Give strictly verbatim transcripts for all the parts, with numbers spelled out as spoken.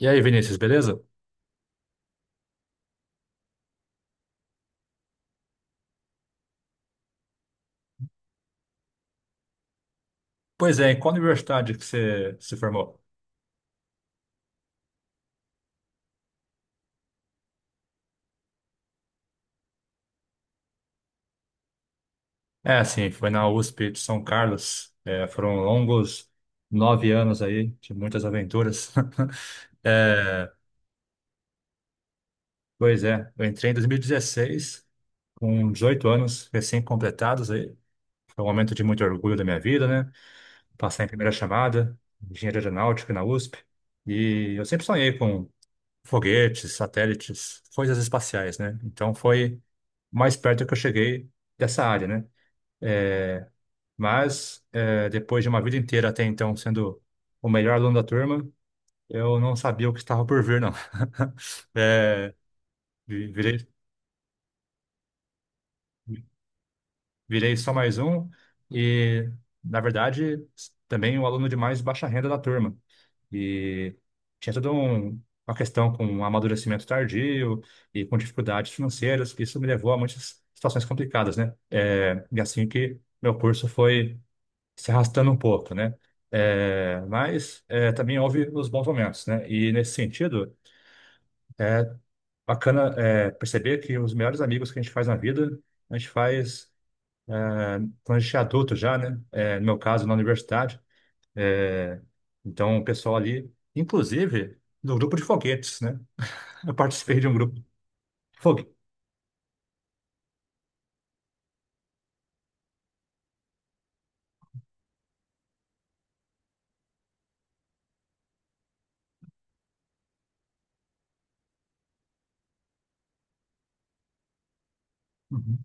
E aí, Vinícius, beleza? Pois é, em qual universidade que você se formou? É, sim, foi na U S P de São Carlos. É, foram longos nove anos aí, de muitas aventuras. É, pois é, eu entrei em dois mil e dezesseis, com dezoito anos recém-completados aí. Foi um momento de muito orgulho da minha vida, né? Passar em primeira chamada, engenharia aeronáutica na U S P. E eu sempre sonhei com foguetes, satélites, coisas espaciais, né? Então foi o mais perto que eu cheguei dessa área, né? Mas eh, depois de uma vida inteira até então sendo o melhor aluno da turma, eu não sabia o que estava por vir, não. Eh, vi- virei, virei só mais um e, na verdade, também o aluno de mais baixa renda da turma. E tinha toda um- uma questão com amadurecimento tardio e com dificuldades financeiras, que isso me levou a muitas situações complicadas, né? É, e assim que meu curso foi se arrastando um pouco, né? É, mas é, também houve os bons momentos, né? E nesse sentido, bacana é, perceber que os melhores amigos que a gente faz na vida, a gente faz é, quando a gente é adulto já, né? É, no meu caso, na universidade. É, então, o pessoal ali, inclusive, do grupo de foguetes, né? Eu participei de um grupo de foguetes. Uhum.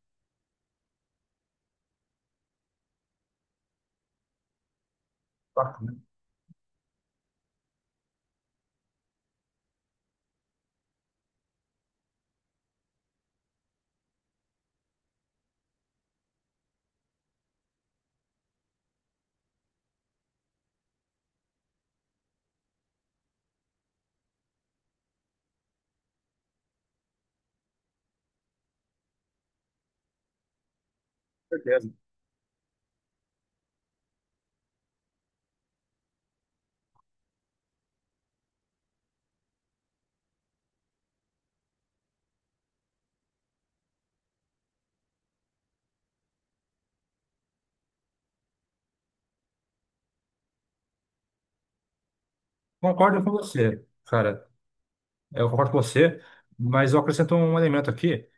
Ah, com certeza. Concordo com você, cara. Eu concordo com você, mas eu acrescento um elemento aqui,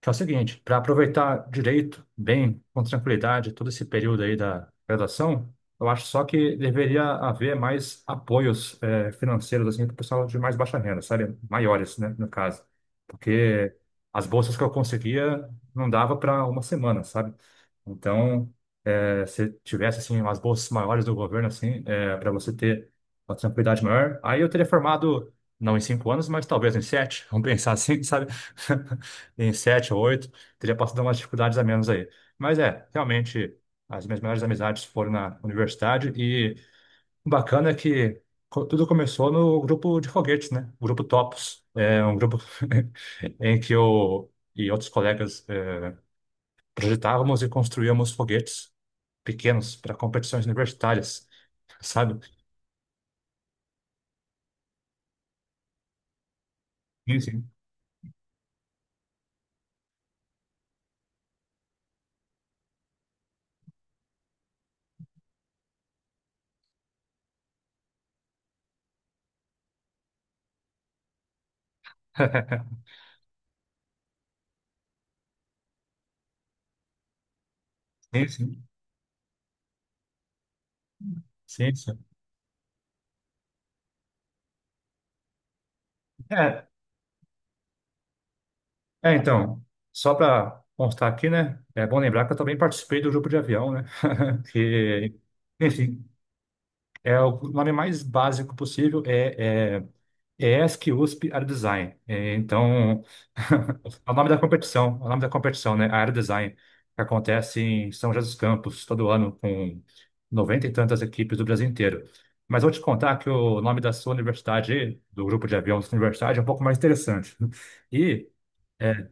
que é o seguinte, para aproveitar direito, bem, com tranquilidade, todo esse período aí da graduação, eu acho só que deveria haver mais apoios eh, financeiros assim, para o pessoal de mais baixa renda, sabe? Maiores, né, no caso. Porque as bolsas que eu conseguia não dava para uma semana, sabe? Então, eh, se tivesse assim, umas bolsas maiores do governo, assim, para você ter uma tranquilidade maior, aí eu teria formado, não em cinco anos, mas talvez em sete, vamos pensar assim, sabe? Em sete ou oito, teria passado umas dificuldades a menos aí. Mas é, realmente, as minhas melhores amizades foram na universidade e o bacana é que co- tudo começou no grupo de foguetes, né? O grupo Topos. É um grupo em que eu e outros colegas eh, projetávamos e construíamos foguetes pequenos para competições universitárias, sabe? Sim, sim. Sim, sim. Sim, sim. É, é, então, só para constar aqui, né? É bom lembrar que eu também participei do grupo de avião, né? Que, enfim, é o nome mais básico possível é, é é E S C U S P Aero Design. É, então, é o nome da competição, é o nome da competição, né? Aero Design, que acontece em São José dos Campos todo ano com noventa e tantas equipes do Brasil inteiro. Mas vou te contar que o nome da sua universidade, aí, do grupo de aviões da sua universidade, é um pouco mais interessante. E é,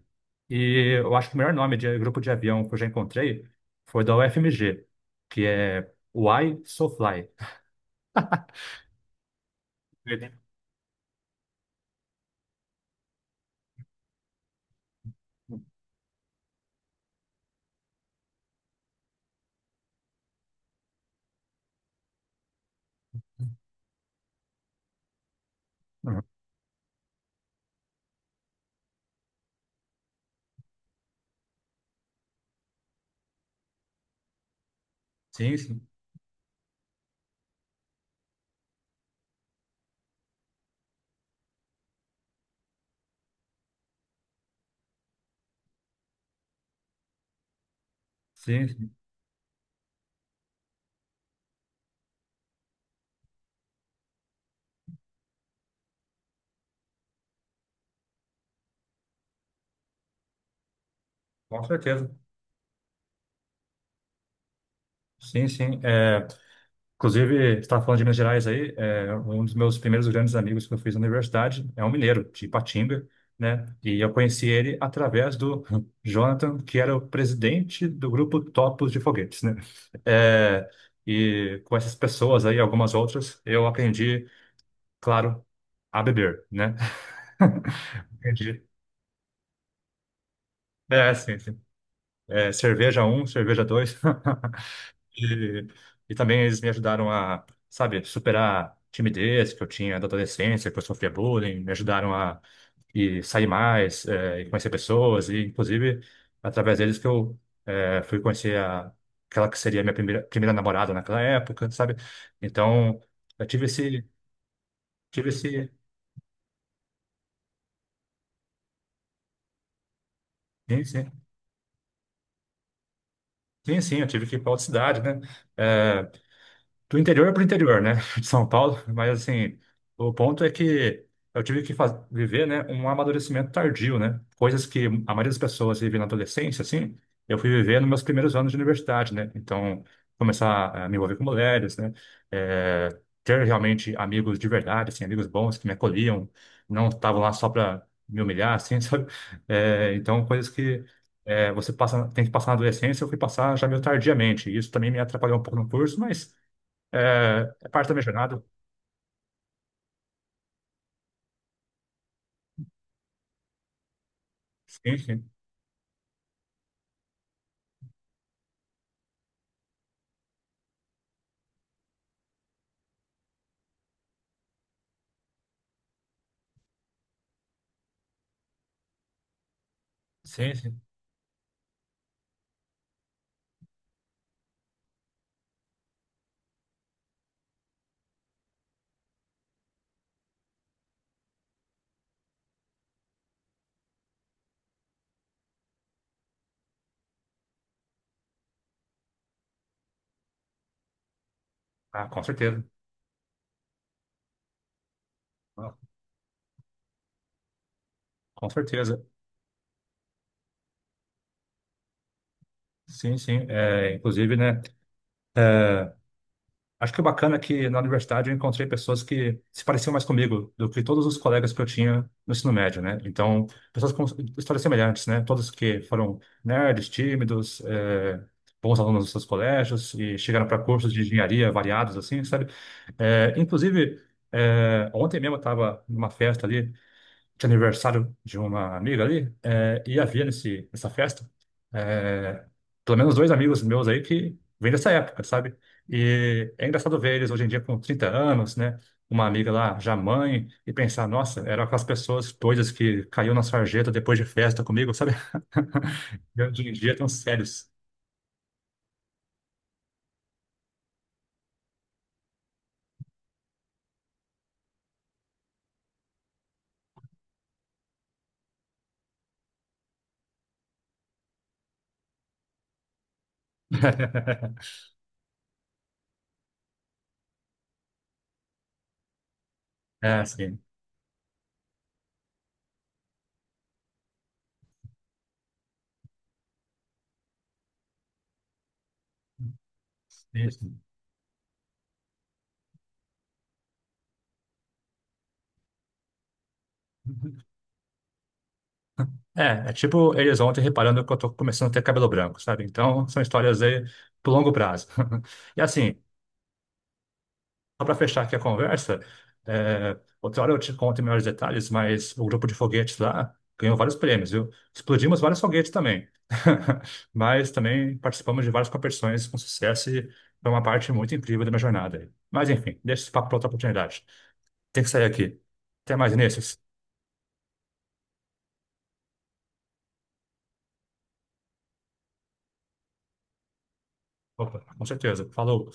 e eu acho que o melhor nome de grupo de avião que eu já encontrei foi da U F M G, que é Why So Fly. Uhum. Sim, sim, sim, sim. Com certeza. Sim, sim. É, inclusive, você estava falando de Minas Gerais aí, é, um dos meus primeiros grandes amigos que eu fiz na universidade é um mineiro, de Ipatinga, né? E eu conheci ele através do Jonathan, que era o presidente do grupo Topos de Foguetes, né? É, e com essas pessoas aí, algumas outras, eu aprendi claro, a beber, né? Entendi. É, sim, sim. É, cerveja um, cerveja dois. E, e também eles me ajudaram a, sabe, superar a timidez que eu tinha da adolescência, que eu sofria bullying, me ajudaram a e sair mais, é, e conhecer pessoas, e inclusive através deles que eu é, fui conhecer a, aquela que seria a minha primeira, primeira namorada naquela época, sabe? Então, eu tive esse, tive esse, sim, sim, sim, sim, eu tive que ir para outra cidade, né? É, do interior para o interior, né, de São Paulo, mas assim, o ponto é que eu tive que faz- viver, né, um amadurecimento tardio, né, coisas que a maioria das pessoas vive na adolescência, assim, eu fui viver nos meus primeiros anos de universidade, né, então começar a me envolver com mulheres, né, eh, ter realmente amigos de verdade, assim, amigos bons que me acolhiam, não estavam lá só para me humilhar, assim, sabe. Eh, então coisas que eh, você passa, tem que passar na adolescência, eu fui passar já meio tardiamente, e isso também me atrapalhou um pouco no curso, mas é, é parte da minha jornada. Sim, sim. Sim, sim. Ah, com certeza. Ah, com certeza. Sim, sim. É, inclusive, né? É, acho que o bacana é que na universidade eu encontrei pessoas que se pareciam mais comigo do que todos os colegas que eu tinha no ensino médio, né? Então, pessoas com histórias semelhantes, né? Todos que foram nerds, tímidos, é, bons alunos dos seus colégios e chegaram para cursos de engenharia variados, assim, sabe? É, inclusive, é, ontem mesmo eu estava numa festa ali de aniversário de uma amiga ali, é, e havia nesse, nessa festa, é, pelo menos dois amigos meus aí que vêm dessa época, sabe? E é engraçado ver eles hoje em dia com trinta anos, né? Uma amiga lá já mãe, e pensar, nossa, eram aquelas pessoas doidas que caiu na sarjeta depois de festa comigo, sabe? E hoje em dia tão sérios. É, sim. É, é tipo eles ontem reparando que eu tô começando a ter cabelo branco, sabe? Então, são histórias aí pro longo prazo. E assim, só para fechar aqui a conversa, é, outra hora eu te conto em melhores detalhes, mas o grupo de foguetes lá ganhou vários prêmios, viu? Explodimos vários foguetes também. Mas também participamos de várias competições com sucesso e foi uma parte muito incrível da minha jornada aí. Mas enfim, deixa esse papo para outra oportunidade. Tem que sair aqui. Até mais, Vinícius. Opa, com certeza. Falou.